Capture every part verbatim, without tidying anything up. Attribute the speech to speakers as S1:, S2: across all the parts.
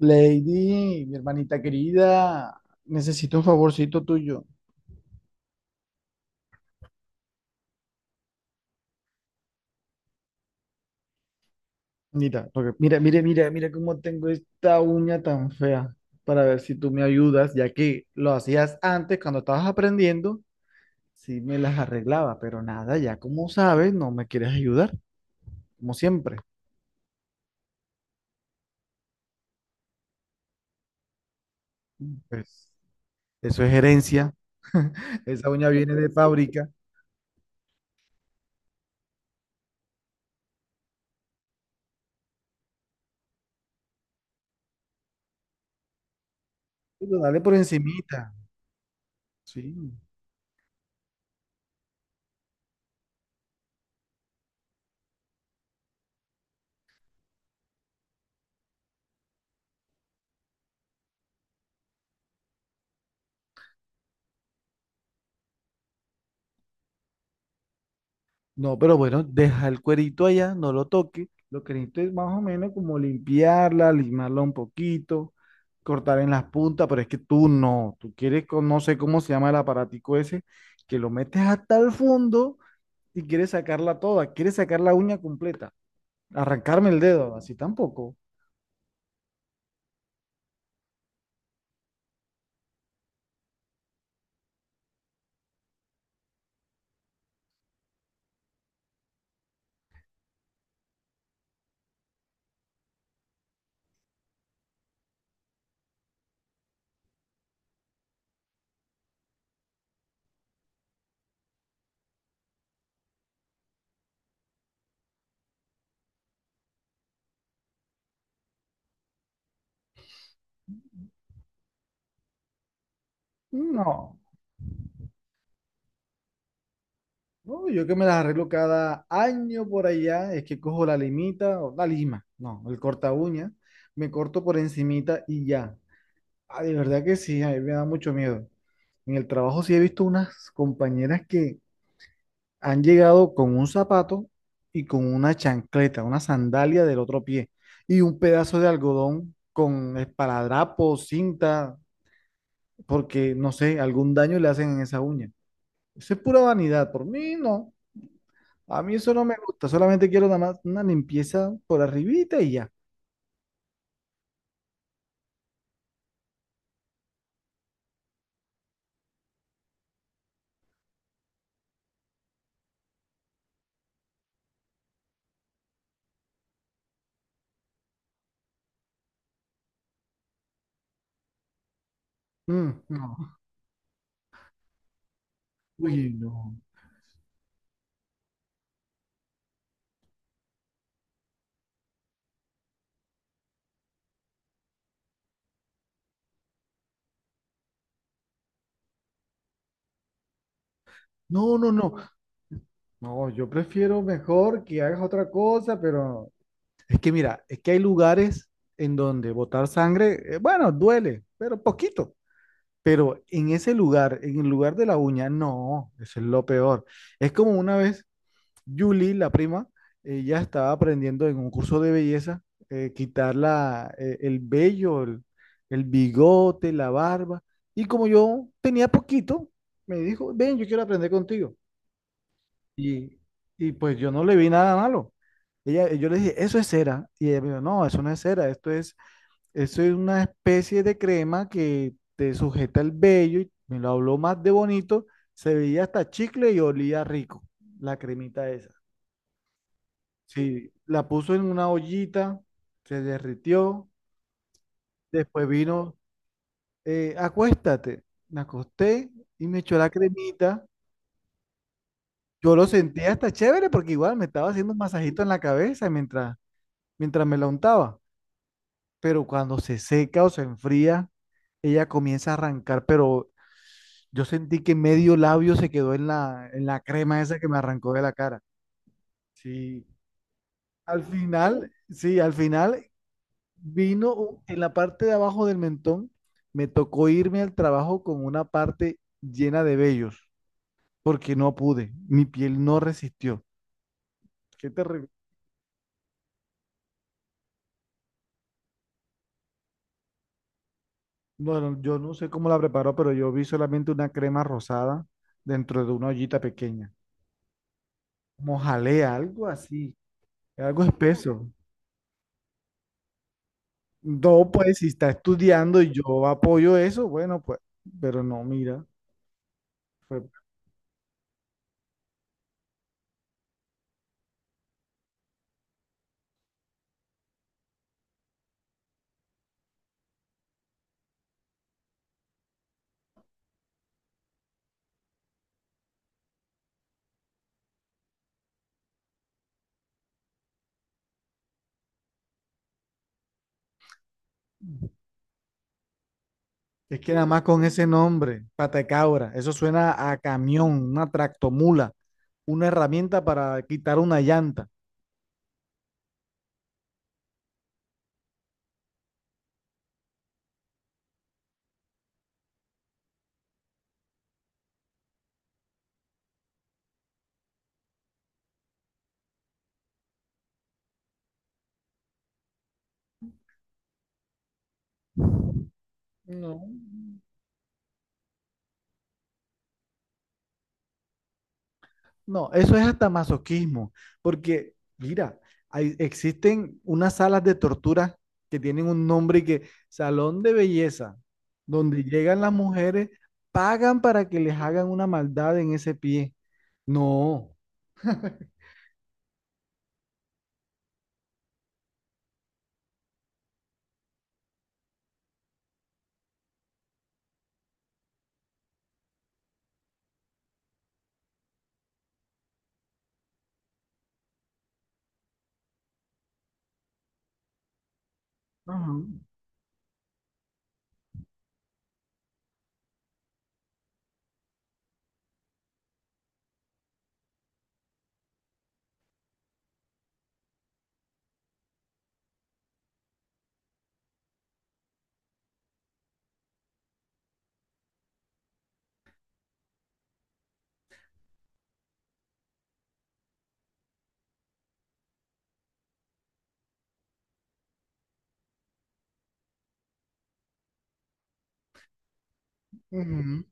S1: Lady, mi hermanita querida, necesito un favorcito tuyo. Mira, porque mira, mira, mira, mira cómo tengo esta uña tan fea. Para ver si tú me ayudas, ya que lo hacías antes cuando estabas aprendiendo, sí me las arreglaba, pero nada, ya como sabes, no me quieres ayudar, como siempre. Pues eso es herencia. Esa uña viene de fábrica. Pero dale por encimita, sí. No, pero bueno, deja el cuerito allá, no lo toque. Lo que necesito es más o menos como limpiarla, limarla un poquito, cortar en las puntas, pero es que tú no, tú quieres con, no sé cómo se llama el aparatico ese, que lo metes hasta el fondo y quieres sacarla toda, quieres sacar la uña completa, arrancarme el dedo, así tampoco. No, no, yo que me las arreglo cada año por allá, es que cojo la limita o la lima, no, el corta uña, me corto por encimita y ya. Ah, de verdad que sí, a mí me da mucho miedo. En el trabajo sí he visto unas compañeras que han llegado con un zapato y con una chancleta, una sandalia del otro pie y un pedazo de algodón con esparadrapo, cinta, porque no sé, algún daño le hacen en esa uña. Eso es pura vanidad, por mí no. A mí eso no me gusta, solamente quiero nada más una limpieza por arribita y ya. Mm, no. Uy, no. No, no, no. No, yo prefiero mejor que hagas otra cosa, pero es que mira, es que hay lugares en donde botar sangre, eh, bueno, duele, pero poquito. Pero en ese lugar, en el lugar de la uña, no, eso es lo peor. Es como una vez Julie, la prima, ella estaba aprendiendo en un curso de belleza, eh, quitar la, eh, el vello, el, el bigote, la barba. Y como yo tenía poquito, me dijo, ven, yo quiero aprender contigo. Y, y pues yo no le vi nada malo. Ella, yo le dije, eso es cera. Y ella me dijo, no, eso no es cera, esto es, eso es una especie de crema que te sujeta el vello. Y me lo habló más de bonito, se veía hasta chicle y olía rico, la cremita esa. Sí, la puso en una ollita, se derritió, después vino, eh, acuéstate. Me acosté y me echó la cremita. Yo lo sentía hasta chévere porque igual me estaba haciendo un masajito en la cabeza mientras mientras me la untaba. Pero cuando se seca o se enfría, ella comienza a arrancar, pero yo sentí que medio labio se quedó en la, en la crema esa que me arrancó de la cara. Sí, al final, sí, al final vino un- en la parte de abajo del mentón, me tocó irme al trabajo con una parte llena de vellos, porque no pude, mi piel no resistió. Qué terrible. Bueno, yo no sé cómo la preparó, pero yo vi solamente una crema rosada dentro de una ollita pequeña. Como jalea, algo así, algo espeso. No, pues si está estudiando y yo apoyo eso, bueno, pues, pero no, mira, fue- es que nada más con ese nombre, patacabra, eso suena a camión, una tractomula, una herramienta para quitar una llanta. No. No, eso es hasta masoquismo, porque mira, hay- existen unas salas de tortura que tienen un nombre y que salón de belleza, donde llegan las mujeres, pagan para que les hagan una maldad en ese pie. No. Ajá. Ujú,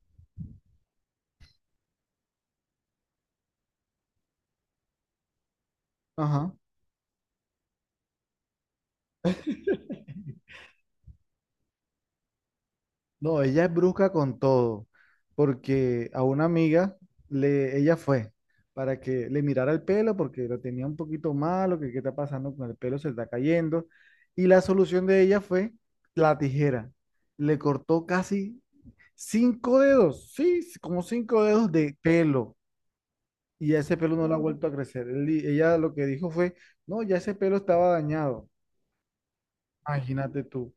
S1: ajá. No, ella es brusca con todo, porque a una amiga le, ella fue para que le mirara el pelo porque lo tenía un poquito malo, que qué está pasando con el pelo, se está cayendo. Y la solución de ella fue la tijera. Le cortó casi cinco dedos, sí, s- como cinco dedos de pelo. Y ese pelo no le ha vuelto a crecer. Él di- ella lo que dijo fue, no, ya ese pelo estaba dañado. Imagínate tú.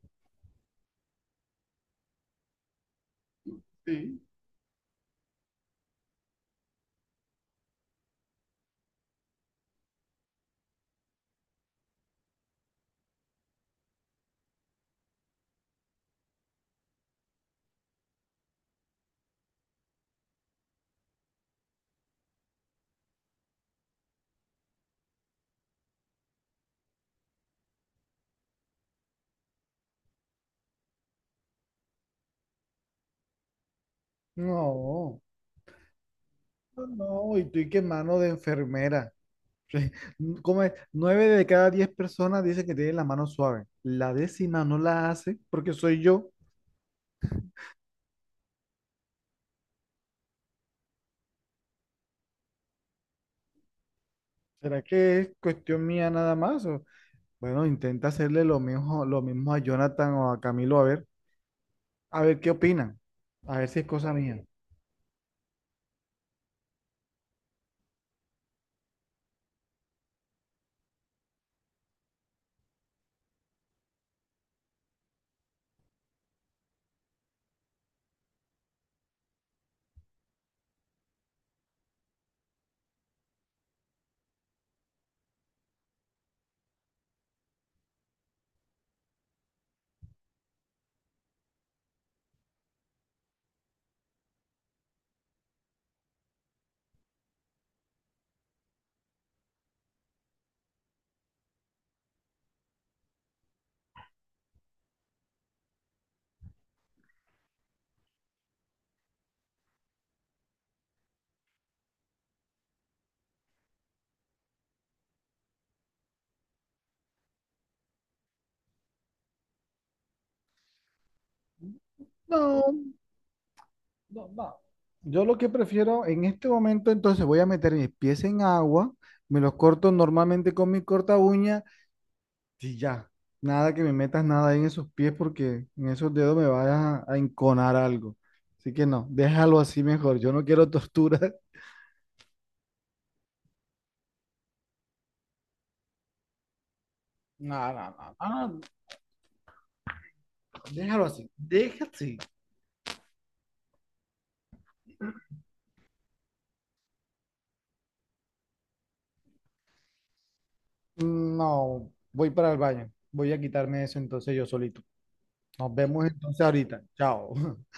S1: No, no, no, y tú y qué mano de enfermera. ¿Como es? Nueve de cada diez personas dicen que tienen la mano suave. La décima no la hace porque soy yo. ¿Será que es cuestión mía nada más? O, bueno, intenta hacerle lo mismo, lo mismo a Jonathan o a Camilo a ver, a ver qué opinan. A ver si es cosa mía. No, no, no. Yo lo que prefiero en este momento, entonces voy a meter mis pies en agua, me los corto normalmente con mi corta uña. Sí, ya. Nada que me metas nada ahí en esos pies porque en esos dedos me vayas a, a enconar algo. Así que no, déjalo así mejor. Yo no quiero tortura. No, no, no, no, no, déjalo así, déjalo así. No, voy para el baño. Voy a quitarme eso entonces yo solito. Nos vemos entonces ahorita. Chao.